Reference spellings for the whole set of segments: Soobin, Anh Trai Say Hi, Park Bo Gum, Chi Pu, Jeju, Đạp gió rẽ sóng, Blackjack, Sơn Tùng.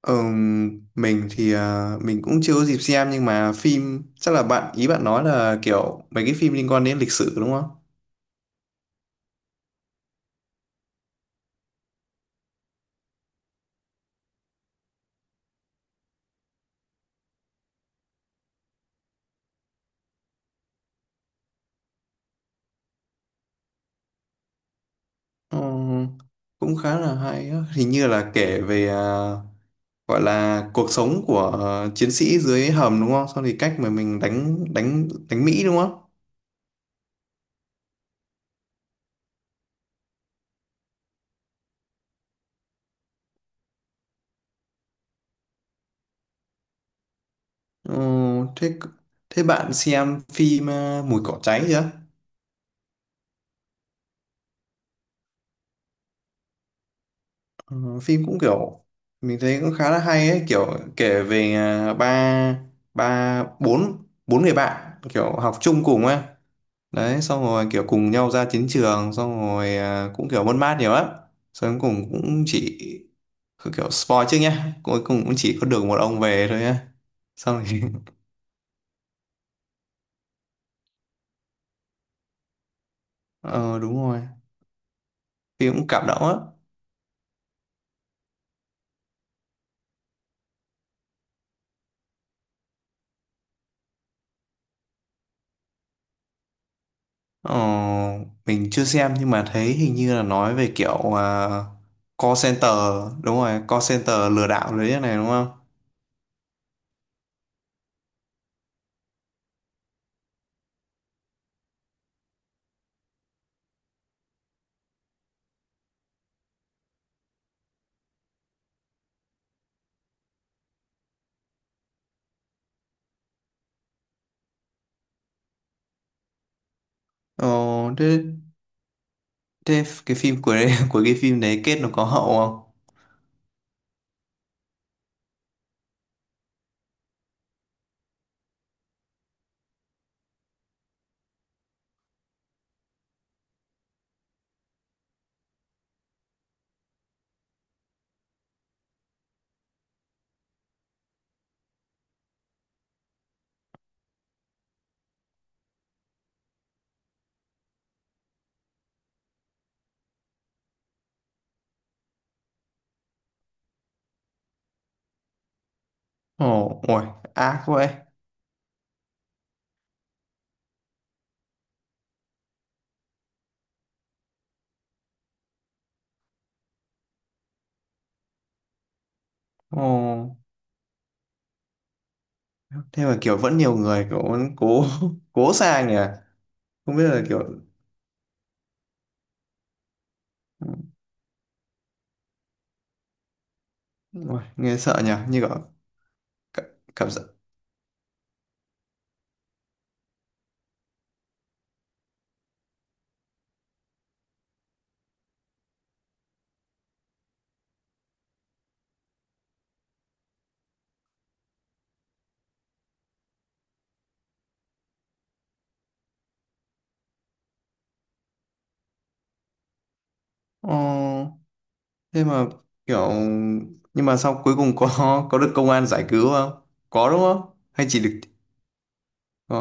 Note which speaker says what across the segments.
Speaker 1: Ờ, mình cũng chưa có dịp xem nhưng mà phim chắc là bạn ý bạn nói là kiểu mấy cái phim liên quan đến lịch sử đúng không? Ờ, cũng khá là hay á. Hình như là kể về gọi là cuộc sống của chiến sĩ dưới hầm đúng không? Xong thì cách mà mình đánh đánh đánh Mỹ đúng không? Ờ, thế thế bạn xem phim Mùi cỏ cháy chưa? Ờ, phim cũng kiểu mình thấy cũng khá là hay ấy kiểu kể về ba ba bốn bốn người bạn kiểu học chung cùng ấy đấy xong rồi kiểu cùng nhau ra chiến trường xong rồi cũng kiểu mất mát nhiều lắm xong cuối cùng cũng chỉ kiểu spoil trước nhá cuối cùng cũng chỉ có được một ông về thôi nhá xong rồi ờ đúng rồi phim cũng cảm động á. Ờ, mình chưa xem nhưng mà thấy hình như là nói về kiểu call center. Đúng rồi, call center lừa đảo đấy này đúng không? Ờ, thế, thế cái phim của đấy, của cái phim đấy kết nó có hậu không? Ồ, ôi, ác vậy. Ồ, thế mà kiểu vẫn nhiều người kiểu vẫn cố cố sang nhỉ? Không biết là kiểu ôi, nghe sợ nhỉ? Như kiểu cả- cảm giác. Ồ. Thế mà kiểu nhưng mà sau cuối cùng có có được công an giải cứu không, có đúng không, hay chỉ được có.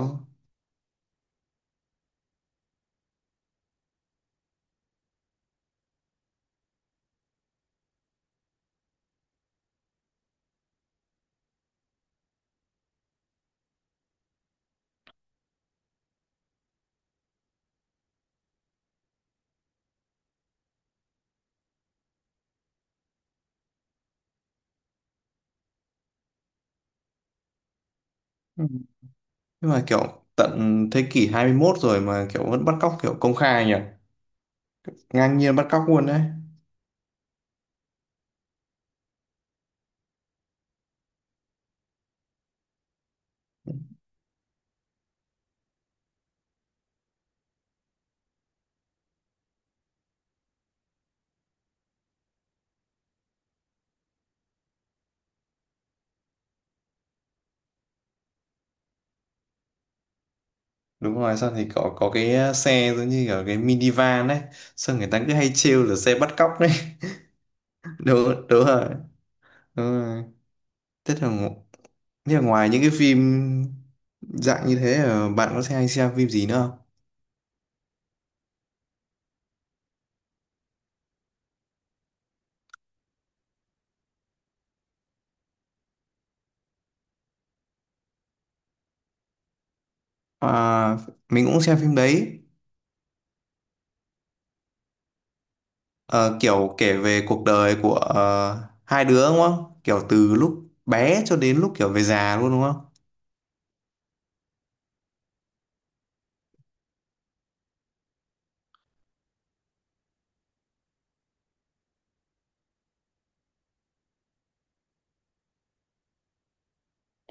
Speaker 1: Ừ. Nhưng mà kiểu tận thế kỷ 21 rồi mà kiểu vẫn bắt cóc kiểu công khai nhỉ, ngang nhiên bắt cóc luôn đấy. Đúng rồi sao thì có cái xe giống như kiểu cái minivan đấy, sao người ta cứ hay trêu là xe bắt cóc đấy. đúng đúng rồi. Đúng rồi. thế là ngo- Thế là ngoài những cái phim dạng như thế bạn có hay xem phim gì nữa không? À, mình cũng xem phim đấy. Ờ, kiểu kể về cuộc đời của hai đứa đúng không? Kiểu từ lúc bé cho đến lúc kiểu về già luôn đúng không?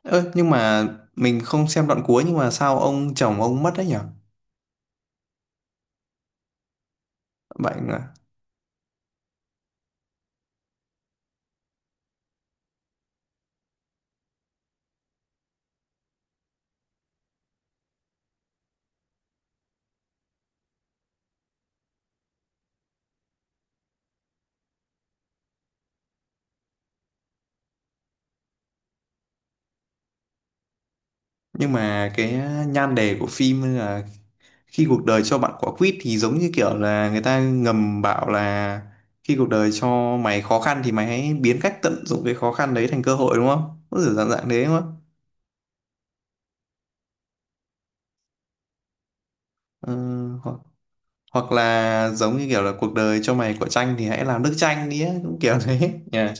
Speaker 1: Ơ nhưng mà mình không xem đoạn cuối nhưng mà sao ông chồng ông mất đấy nhỉ? Bạn à? Nhưng mà cái nhan đề của phim là khi cuộc đời cho bạn quả quýt thì giống như kiểu là người ta ngầm bảo là khi cuộc đời cho mày khó khăn thì mày hãy biến cách tận dụng cái khó khăn đấy thành cơ hội đúng không? Có kiểu dạng dạng thế đúng không? Ờ, hoặc là giống như kiểu là cuộc đời cho mày quả chanh thì hãy làm nước chanh đi á cũng kiểu thế nha.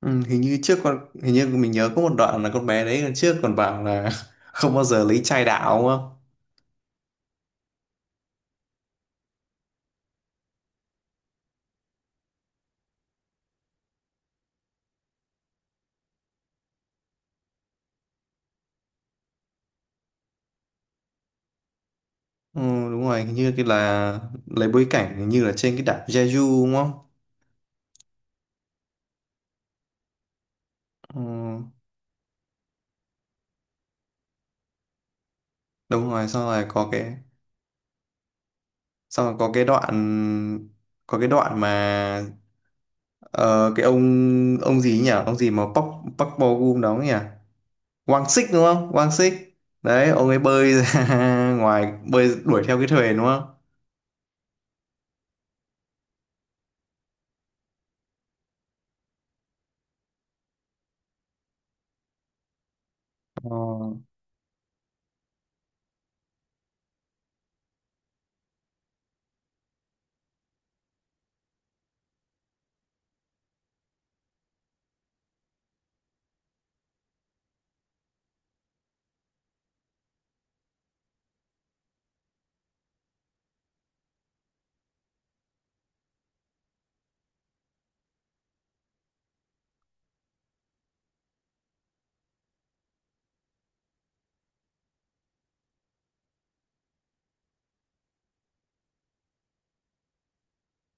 Speaker 1: Ừ, hình như trước con hình như mình nhớ có một đoạn là con bé đấy trước còn bảo là không bao giờ lấy chai đảo đúng không. Ừ, đúng rồi hình như cái là lấy bối cảnh hình như là trên cái đảo Jeju đúng không. Ừ, đúng rồi sau rồi có cái sau rồi có cái đoạn mà ờ, cái ông gì nhỉ ông gì mà Park Park Bo Gum đóng nhỉ, Quang Sích đúng không? Quang Sích. Đấy, ông ấy bơi ra ngoài bơi đuổi theo cái thuyền đúng không? Ờ,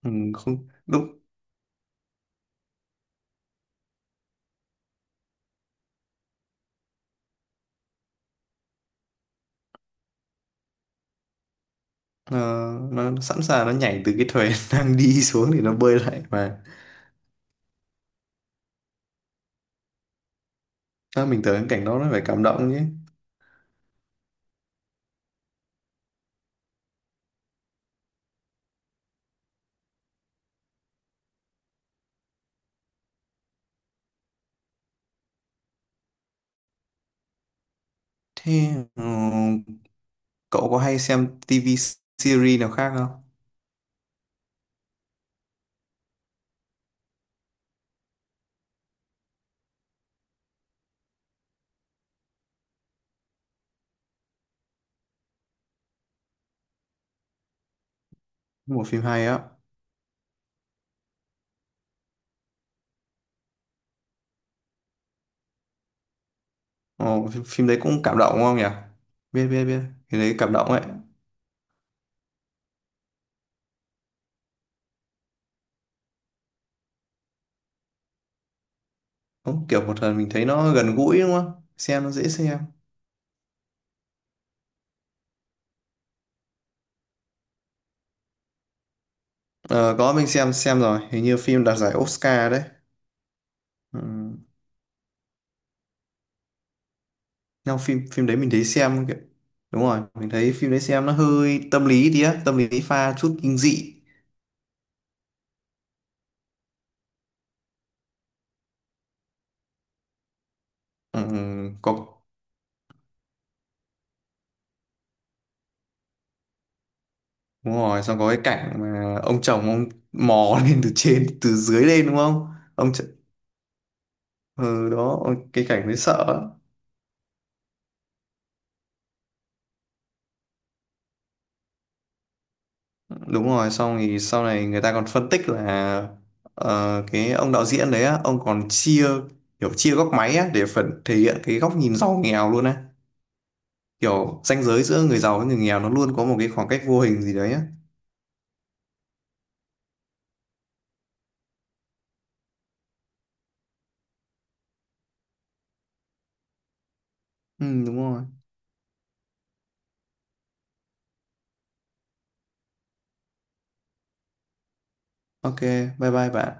Speaker 1: ừ, không lúc ờ, nó sẵn sàng nó nhảy từ cái thuyền đang đi xuống thì nó bơi lại mà. Đó, mình tưởng cái cảnh đó nó phải cảm động chứ. Thế cậu có hay xem TV series nào khác không? Một phim hay á. Ồ, phim phim đấy cũng cảm động đúng không nhỉ? Biết biết biết. Cái đấy cảm động ấy. Đúng, kiểu một lần mình thấy nó gần gũi đúng không? Xem nó dễ xem. Ờ, có mình xem rồi hình như phim đạt giải Oscar đấy. Ừ. Nhưng phim phim đấy mình thấy xem kiểu đúng rồi mình thấy phim đấy xem nó hơi tâm lý tí á, tâm lý pha chút kinh dị. Ừ. Có đúng rồi xong có cái cảnh mà ông chồng ông mò lên từ trên từ dưới lên đúng không, ông ch... ừ, đó cái cảnh đấy sợ lắm. Đúng rồi xong thì sau này người ta còn phân tích là cái ông đạo diễn đấy á ông còn chia kiểu chia góc máy á để phần thể hiện cái góc nhìn giàu nghèo luôn á, kiểu ranh giới giữa người giàu với người nghèo nó luôn có một cái khoảng cách vô hình gì đấy á. Ừ đúng rồi. Ok, bye bye bạn.